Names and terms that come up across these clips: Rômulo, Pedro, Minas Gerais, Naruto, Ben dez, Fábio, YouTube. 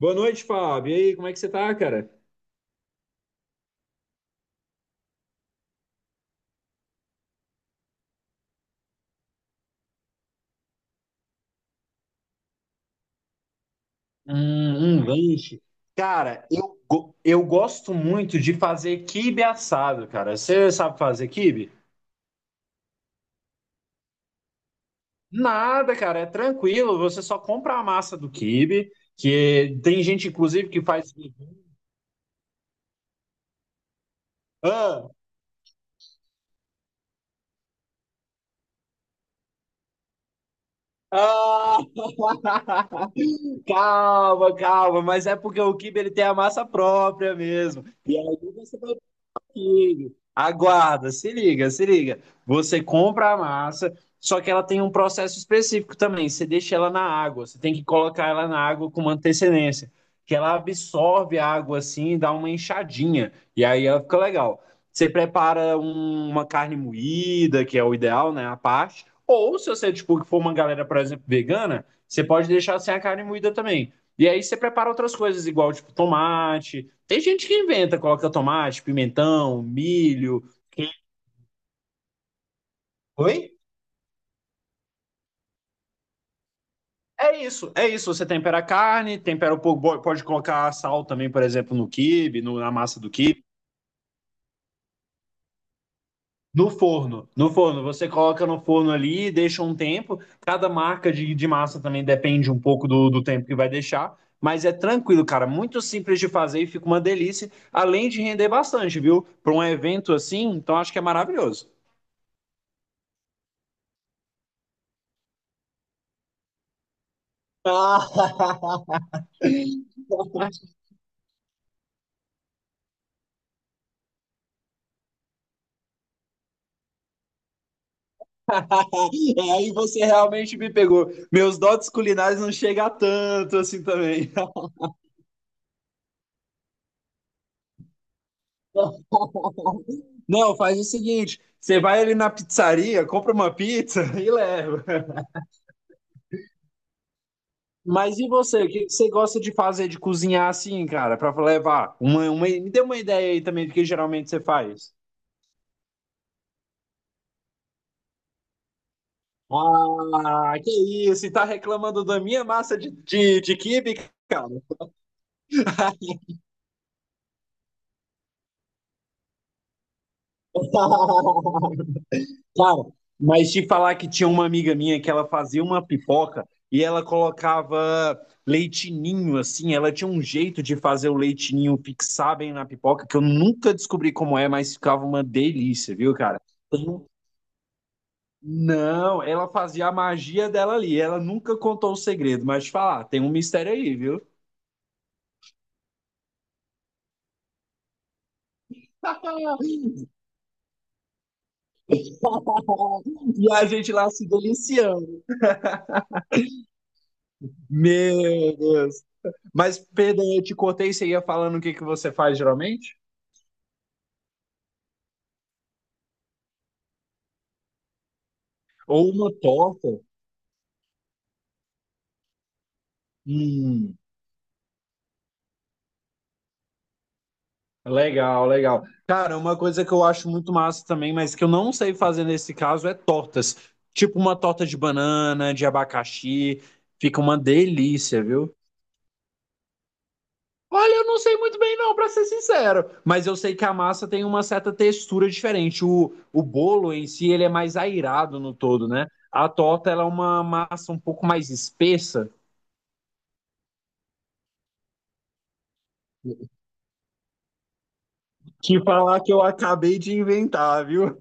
Boa noite, Fábio. E aí, como é que você tá, cara? Um lanche. Cara, eu gosto muito de fazer quibe assado, cara. Você sabe fazer quibe? Nada, cara, é tranquilo. Você só compra a massa do quibe, que tem gente, inclusive, que faz. Ah, ah, calma, calma, mas é porque o quibe ele tem a massa própria mesmo. E aí você vai liga, aguarda, se liga, se liga. Você compra a massa, só que ela tem um processo específico também. Você deixa ela na água, você tem que colocar ela na água com uma antecedência, que ela absorve a água assim e dá uma enxadinha, e aí ela fica legal. Você prepara uma carne moída, que é o ideal, né? A parte. Ou se você, tipo, for uma galera, por exemplo, vegana, você pode deixar sem a carne moída também. E aí você prepara outras coisas, igual, tipo, tomate, tem gente que inventa, coloca tomate, pimentão, milho. que- Oi? É isso, é isso. Você tempera a carne, tempera um pouco, pode colocar sal também, por exemplo, no quibe, na massa do quibe. No forno, no forno, você coloca no forno ali, deixa um tempo. Cada marca de massa também depende um pouco do tempo que vai deixar, mas é tranquilo, cara. Muito simples de fazer e fica uma delícia, além de render bastante, viu? Para um evento assim, então acho que é maravilhoso. Ah, é. Aí você realmente me pegou. Meus dotes culinários não chegam a tanto assim também. Não, faz o seguinte: você vai ali na pizzaria, compra uma pizza e leva. Mas e você? O que que você gosta de fazer, de cozinhar assim, cara, pra levar? Me dê uma ideia aí também do que geralmente você faz. Ah, que isso, e tá reclamando da minha massa de quibe, cara? Cara, mas te falar que tinha uma amiga minha que ela fazia uma pipoca e ela colocava leitinho, assim, ela tinha um jeito de fazer o leitinho fixar bem na pipoca, que eu nunca descobri como é, mas ficava uma delícia, viu, cara? Tem- Não, ela fazia a magia dela ali, ela nunca contou o segredo, mas te falar, tem um mistério aí, viu? E a gente lá se deliciando. Meu Deus. Mas, Pedro, eu te cortei, você ia falando o que que você faz geralmente? Ou uma torta. Hum, legal, legal. Cara, uma coisa que eu acho muito massa também, mas que eu não sei fazer nesse caso, é tortas. Tipo uma torta de banana, de abacaxi. Fica uma delícia, viu? Olha, eu não sei muito bem não, pra ser sincero. Mas eu sei que a massa tem uma certa textura diferente. O bolo em si, ele é mais airado no todo, né? A torta, ela é uma massa um pouco mais espessa. Que falar que eu acabei de inventar, viu?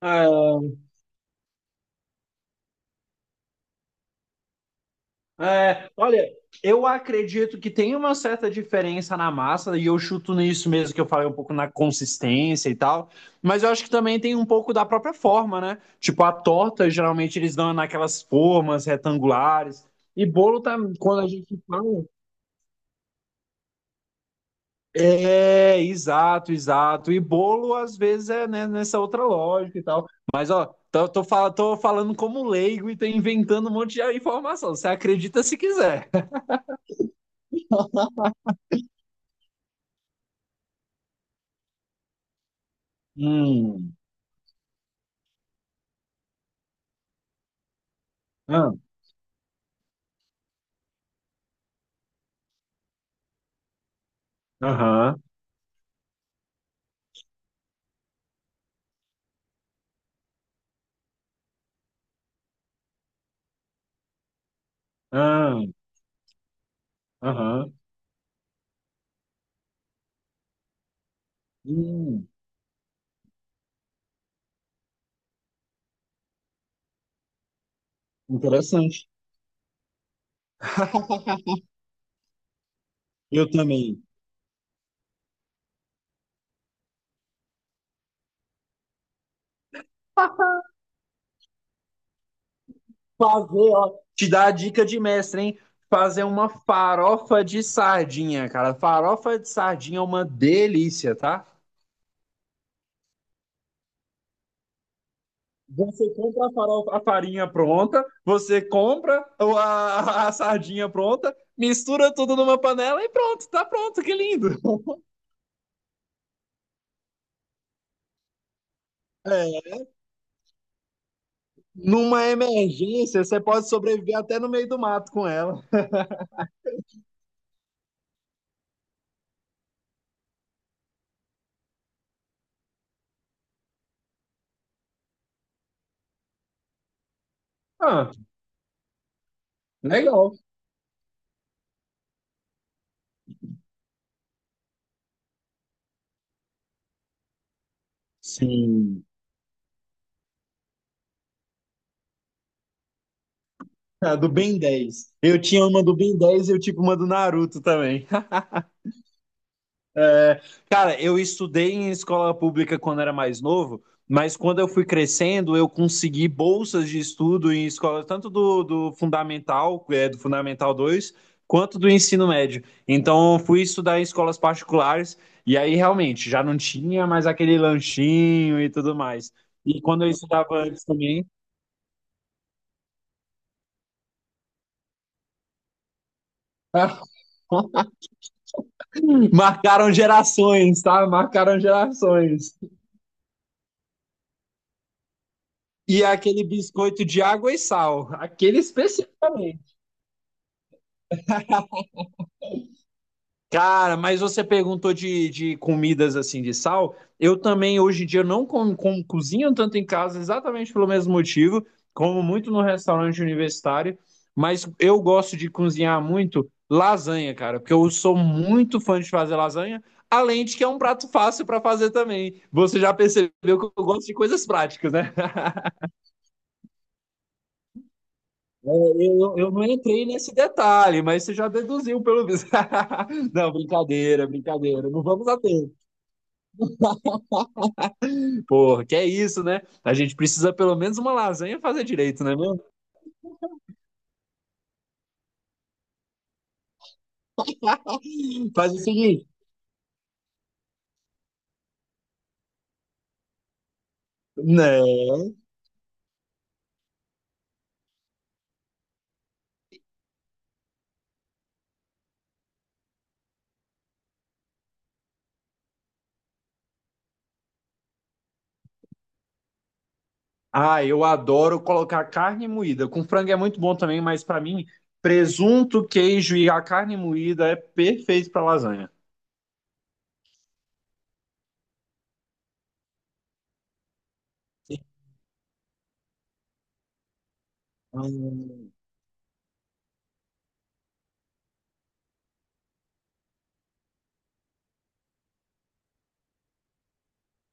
É, olha, eu acredito que tem uma certa diferença na massa, e eu chuto nisso mesmo que eu falei um pouco na consistência e tal, mas eu acho que também tem um pouco da própria forma, né? Tipo, a torta, geralmente eles dão naquelas formas retangulares, e bolo tá, quando a gente fala. É, exato, exato. E bolo, às vezes, é né, nessa outra lógica e tal. Mas, ó, tô falando como leigo e tô inventando um monte de informação. Você acredita se quiser. Hum. Aham, ah, aham. Hum, interessante. Eu também. Fazer, ó. Te dá a dica de mestre, hein? Fazer uma farofa de sardinha, cara. Farofa de sardinha é uma delícia, tá? Você compra a farofa, a farinha pronta, você compra a sardinha pronta, mistura tudo numa panela e pronto, tá pronto, que lindo. É, numa emergência, você pode sobreviver até no meio do mato com ela. Ah, legal. Sim. Ah, do Ben 10. Eu tinha uma do Ben 10 e eu tinha uma do Naruto também. É, cara, eu estudei em escola pública quando era mais novo, mas quando eu fui crescendo, eu consegui bolsas de estudo em escola, tanto do Fundamental, é, do Fundamental 2 quanto do ensino médio. Então, eu fui estudar em escolas particulares e aí realmente já não tinha mais aquele lanchinho e tudo mais. E quando eu estudava antes também. Marcaram gerações, tá? Marcaram gerações. E aquele biscoito de água e sal, aquele especificamente. Cara, mas você perguntou de comidas assim de sal. Eu também hoje em dia não cozinho tanto em casa, exatamente pelo mesmo motivo, como muito no restaurante universitário, mas eu gosto de cozinhar muito lasanha, cara, porque eu sou muito fã de fazer lasanha, além de que é um prato fácil para fazer também. Você já percebeu que eu gosto de coisas práticas, né? É. Eu não entrei nesse detalhe, mas você já deduziu pelo visto. Não, brincadeira, brincadeira. Não vamos a tempo. Porra, que é isso, né? A gente precisa pelo menos uma lasanha fazer direito, né, mesmo? Faz o seguinte, né? Ah, eu adoro colocar carne moída. Com frango é muito bom também, mas pra mim, presunto, queijo e a carne moída é perfeito pra lasanha.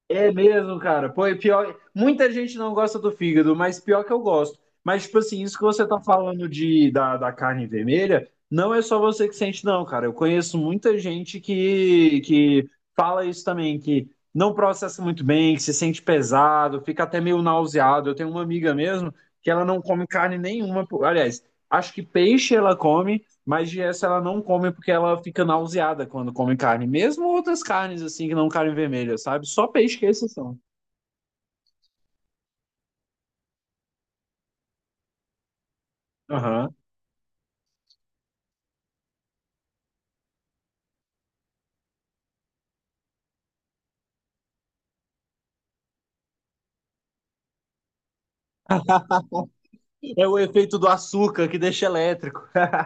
É mesmo, cara. Pô, e pior. Muita gente não gosta do fígado, mas pior que eu gosto. Mas, tipo assim, isso que você tá falando de, da carne vermelha, não é só você que sente, não, cara. Eu conheço muita gente que fala isso também, que não processa muito bem, que se sente pesado, fica até meio nauseado. Eu tenho uma amiga mesmo que ela não come carne nenhuma. Pô, aliás, acho que peixe ela come, mas de essa ela não come porque ela fica nauseada quando come carne. Mesmo outras carnes, assim, que não carne vermelha, sabe? Só peixe que é exceção. Aham. É o efeito do açúcar que deixa elétrico.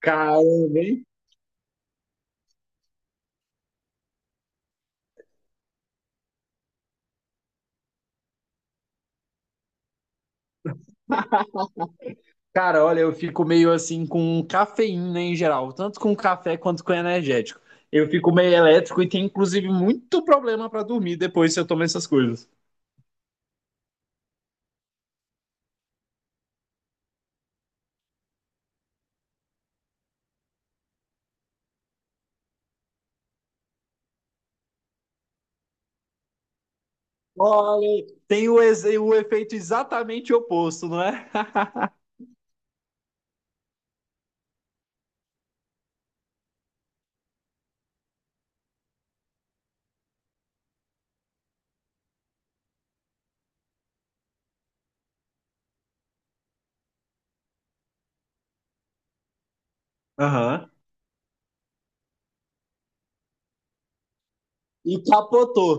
Caramba, hein? Cara, olha, eu fico meio assim com cafeína em geral, tanto com café quanto com energético. Eu fico meio elétrico e tenho, inclusive, muito problema para dormir depois se eu tomar essas coisas. Olha, tem o efeito exatamente oposto, não é? Aham. E capotou.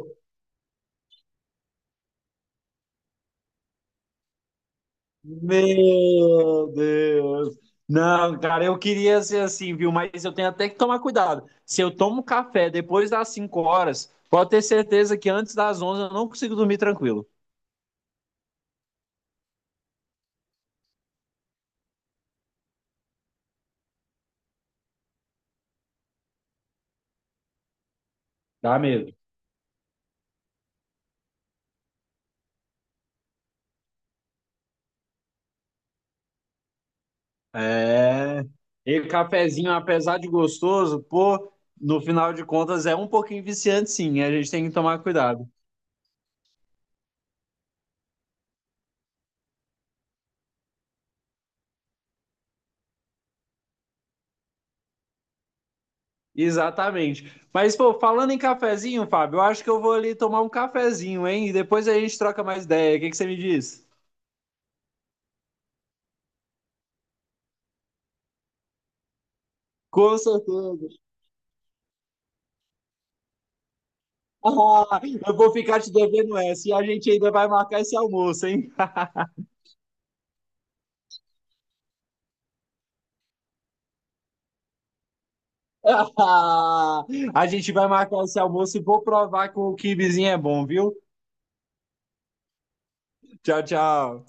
Meu Deus! Não, cara, eu queria ser assim, viu? Mas eu tenho até que tomar cuidado. Se eu tomo café depois das 5 horas, pode ter certeza que antes das 11 eu não consigo dormir tranquilo. Dá medo. É. E cafezinho, apesar de gostoso, pô, no final de contas é um pouquinho viciante, sim. A gente tem que tomar cuidado. Exatamente. Mas, pô, falando em cafezinho, Fábio, eu acho que eu vou ali tomar um cafezinho, hein? E depois a gente troca mais ideia. O que que você me diz? Com certeza. Ah, eu vou ficar te devendo essa e a gente ainda vai marcar esse almoço, hein? A gente vai marcar esse almoço e vou provar que o kibizinho é bom, viu? Tchau, tchau.